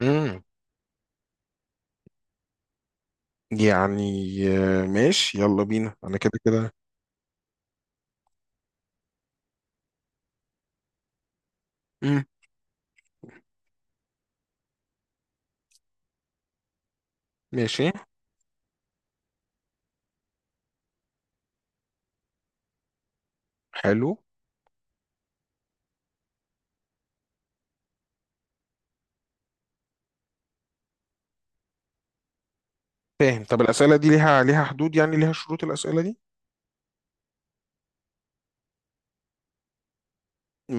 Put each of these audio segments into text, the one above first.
امم يعني آه، ماشي يلا بينا انا كده كده. امم ماشي. حلو. فاهم، طب الأسئلة دي ليها حدود يعني؟ ليها شروط الأسئلة دي؟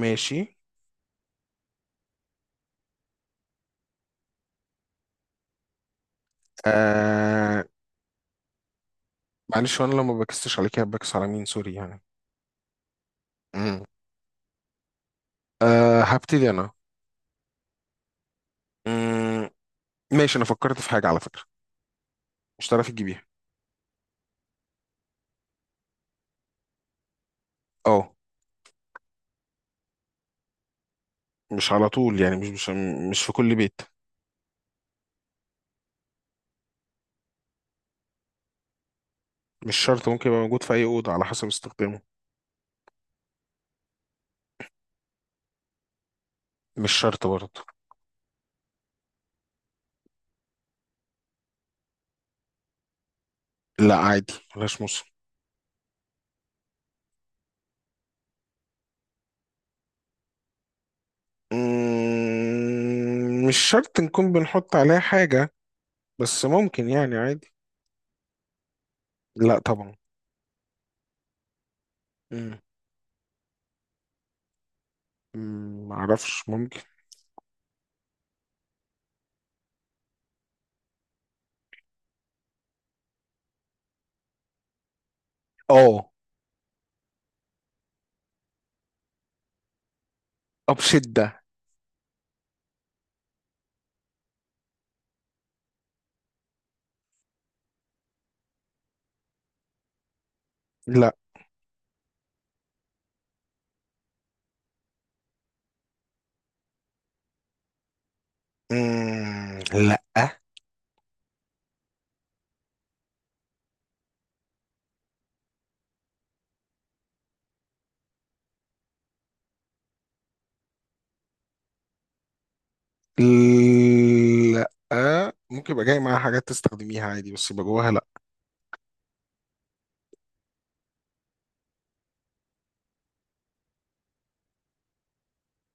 ماشي. آه معلش، وانا لو ما بكسش عليك بكس على مين؟ سوري يعني. امم هبتدي انا. امم ماشي. انا فكرت في حاجة على فكرة، مش هتعرفي تجيبيها. اه، مش على طول يعني، مش في كل بيت. مش شرط، ممكن يبقى موجود في اي أوضة على حسب استخدامه. مش شرط برضه. لا عادي، ملهاش موسم. مش شرط نكون بنحط عليها حاجة، بس ممكن يعني عادي. لا طبعا. مم، معرفش ممكن. اه، آه، بشدة. لا. مم، لا. لا، ممكن يبقى جاي معاها حاجات تستخدميها عادي، بس يبقى جواها لا.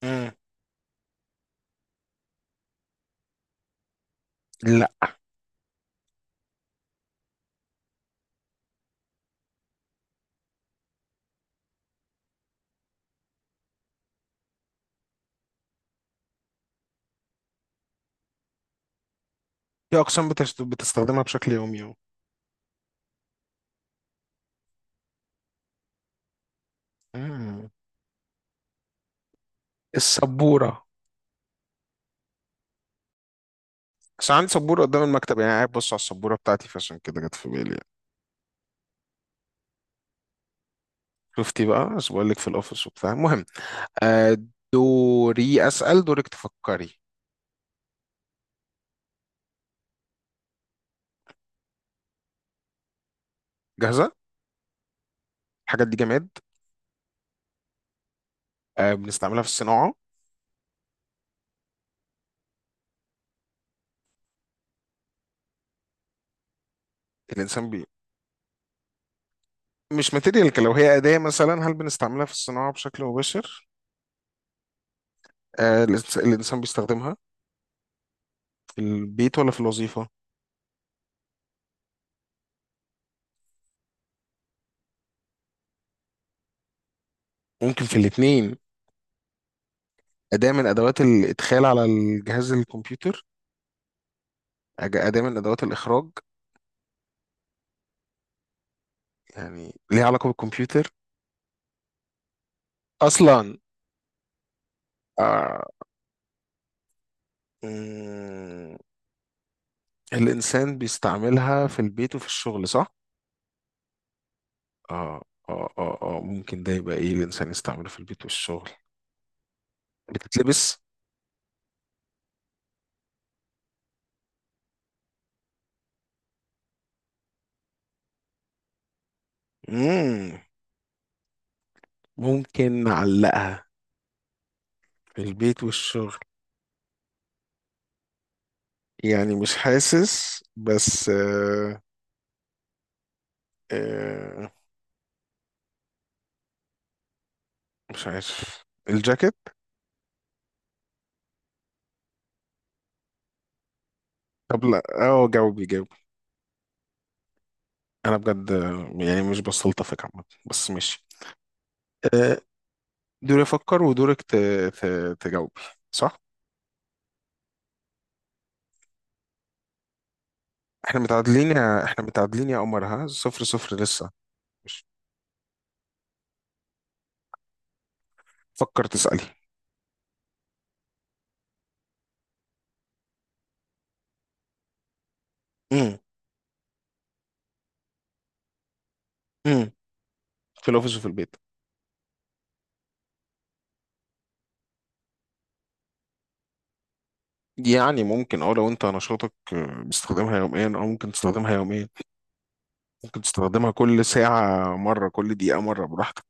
مم، لا. في أقسام بتستخدمها بشكل يومي أهو. مم، السبورة. بس عندي سبورة قدام المكتب يعني، قاعد بص على السبورة بتاعتي فعشان كده جت في بالي يعني. شفتي بقى؟ بس بقول لك في الأوفيس وبتاع، المهم. آه، دوري أسأل، دورك تفكري. جاهزة؟ الحاجات دي جماد؟ بنستعملها في الصناعة؟ الإنسان بي... مش ماتيريال، لو هي أداة مثلا هل بنستعملها في الصناعة بشكل مباشر؟ الإنسان بيستخدمها في البيت ولا في الوظيفة؟ ممكن في الاتنين؟ أداة من أدوات الإدخال على الجهاز الكمبيوتر؟ أداة من أدوات الإخراج؟ يعني ليها علاقة بالكمبيوتر أصلا؟ آه، مم، الإنسان بيستعملها في البيت وفي الشغل صح؟ اه اه اه اه، ممكن ده يبقى ايه الانسان يستعمله في البيت والشغل؟ بتتلبس؟ مم. ممكن نعلقها في البيت والشغل يعني؟ مش حاسس بس آه مش عارف. الجاكيت؟ طب لا، اه جاوبي جاوبي. انا بجد يعني مش بستلطفك عامة، بس ماشي. آه دوري افكر ودورك ت... تجاوبي، صح؟ احنا متعادلين يا قمر، ها، 0-0 لسه. مش. فكر تسألي. مم. في الاوفيس وفي البيت. يعني ممكن، اه لو انت نشاطك بتستخدمها يوميا او ممكن تستخدمها يوميا، ممكن تستخدمها كل ساعة مرة كل دقيقة مرة براحتك.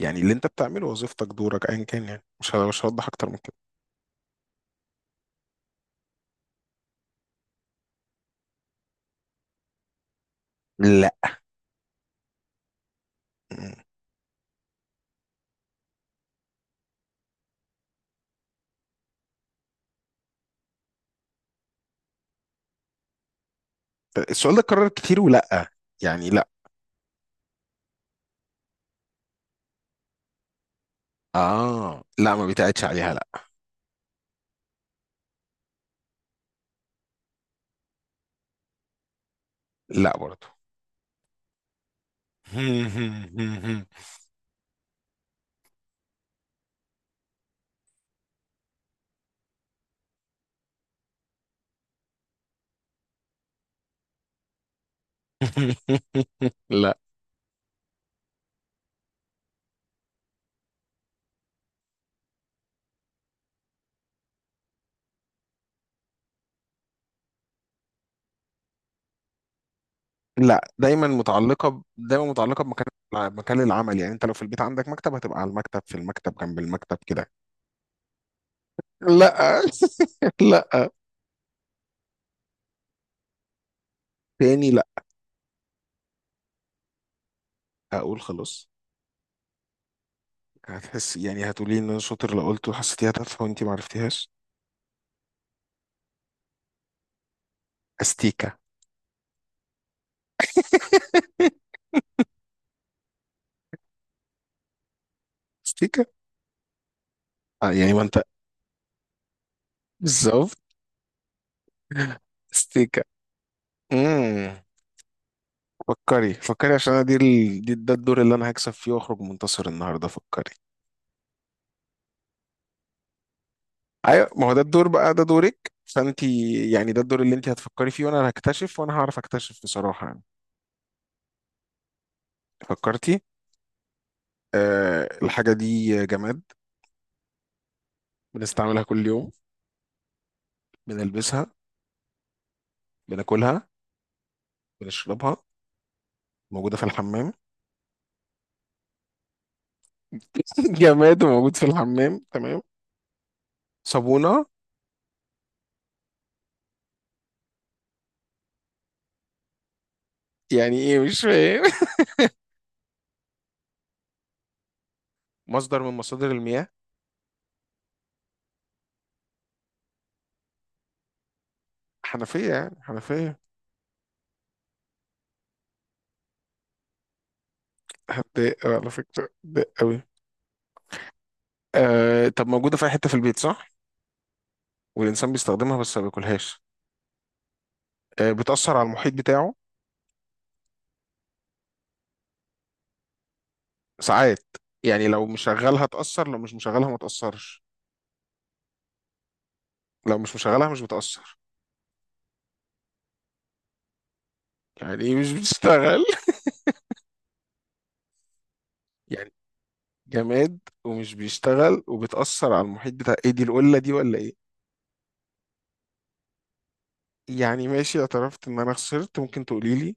يعني اللي انت بتعمله وظيفتك دورك ايا كان يعني، مش هوضح اكتر من كده. لا. مم. السؤال ده اتكرر كتير ولا؟ يعني لا. اه لا، ما بيتقعدش عليها لا. لا برضه. لا. لا، دايما متعلقه بمكان، مكان العمل. يعني انت لو في البيت عندك مكتب هتبقى على المكتب، في المكتب، جنب المكتب كده. لا، لا. تاني، لا. اقول خلاص؟ هتحس يعني هتقولي ان انا شاطر لو قلت وحسيتيها تافهه وانت ما عرفتيهاش. استيكه. استيكه. يعني ما انت، بالظبط. استيكه. امم فكري فكري، عشان انا دي ده الدور اللي انا هكسب فيه واخرج منتصر النهارده. فكري. ايوه، ما هو ده الدور بقى، ده دورك فانت يعني. ده الدور اللي انت هتفكري فيه، وانا هكتشف وانا هعرف اكتشف بصراحه يعني. فكرتي؟ الحاجه دي جماد. بنستعملها كل يوم. بنلبسها. بناكلها. بنشربها. موجودة في الحمام؟ جماد موجود في الحمام، تمام. صابونة؟ يعني ايه مش فاهم. مصدر من مصادر المياه؟ حنفية، يعني حنفية. هتضايق أوي على فكرة، هتضايق أوي. طب موجودة في أي حتة في البيت صح؟ والإنسان بيستخدمها بس ما بياكلهاش. آه، بتأثر على المحيط بتاعه. ساعات. يعني لو مشغلها تأثر، لو مش مشغلها ما تأثرش. لو مش مشغلها مش بتأثر. يعني ايه مش بتشتغل؟ يعني جماد ومش بيشتغل وبتأثر على المحيط بتاع، ايه دي؟ القلة دي ولا ايه؟ يعني ماشي، اعترفت ان انا خسرت، ممكن تقولي لي.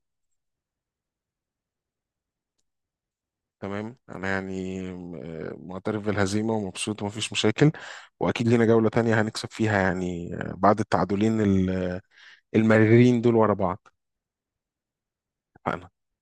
تمام انا يعني معترف بالهزيمه ومبسوط ومفيش مشاكل. واكيد لينا جوله تانية هنكسب فيها يعني بعد التعادلين المريرين دول ورا بعض. اتفقنا.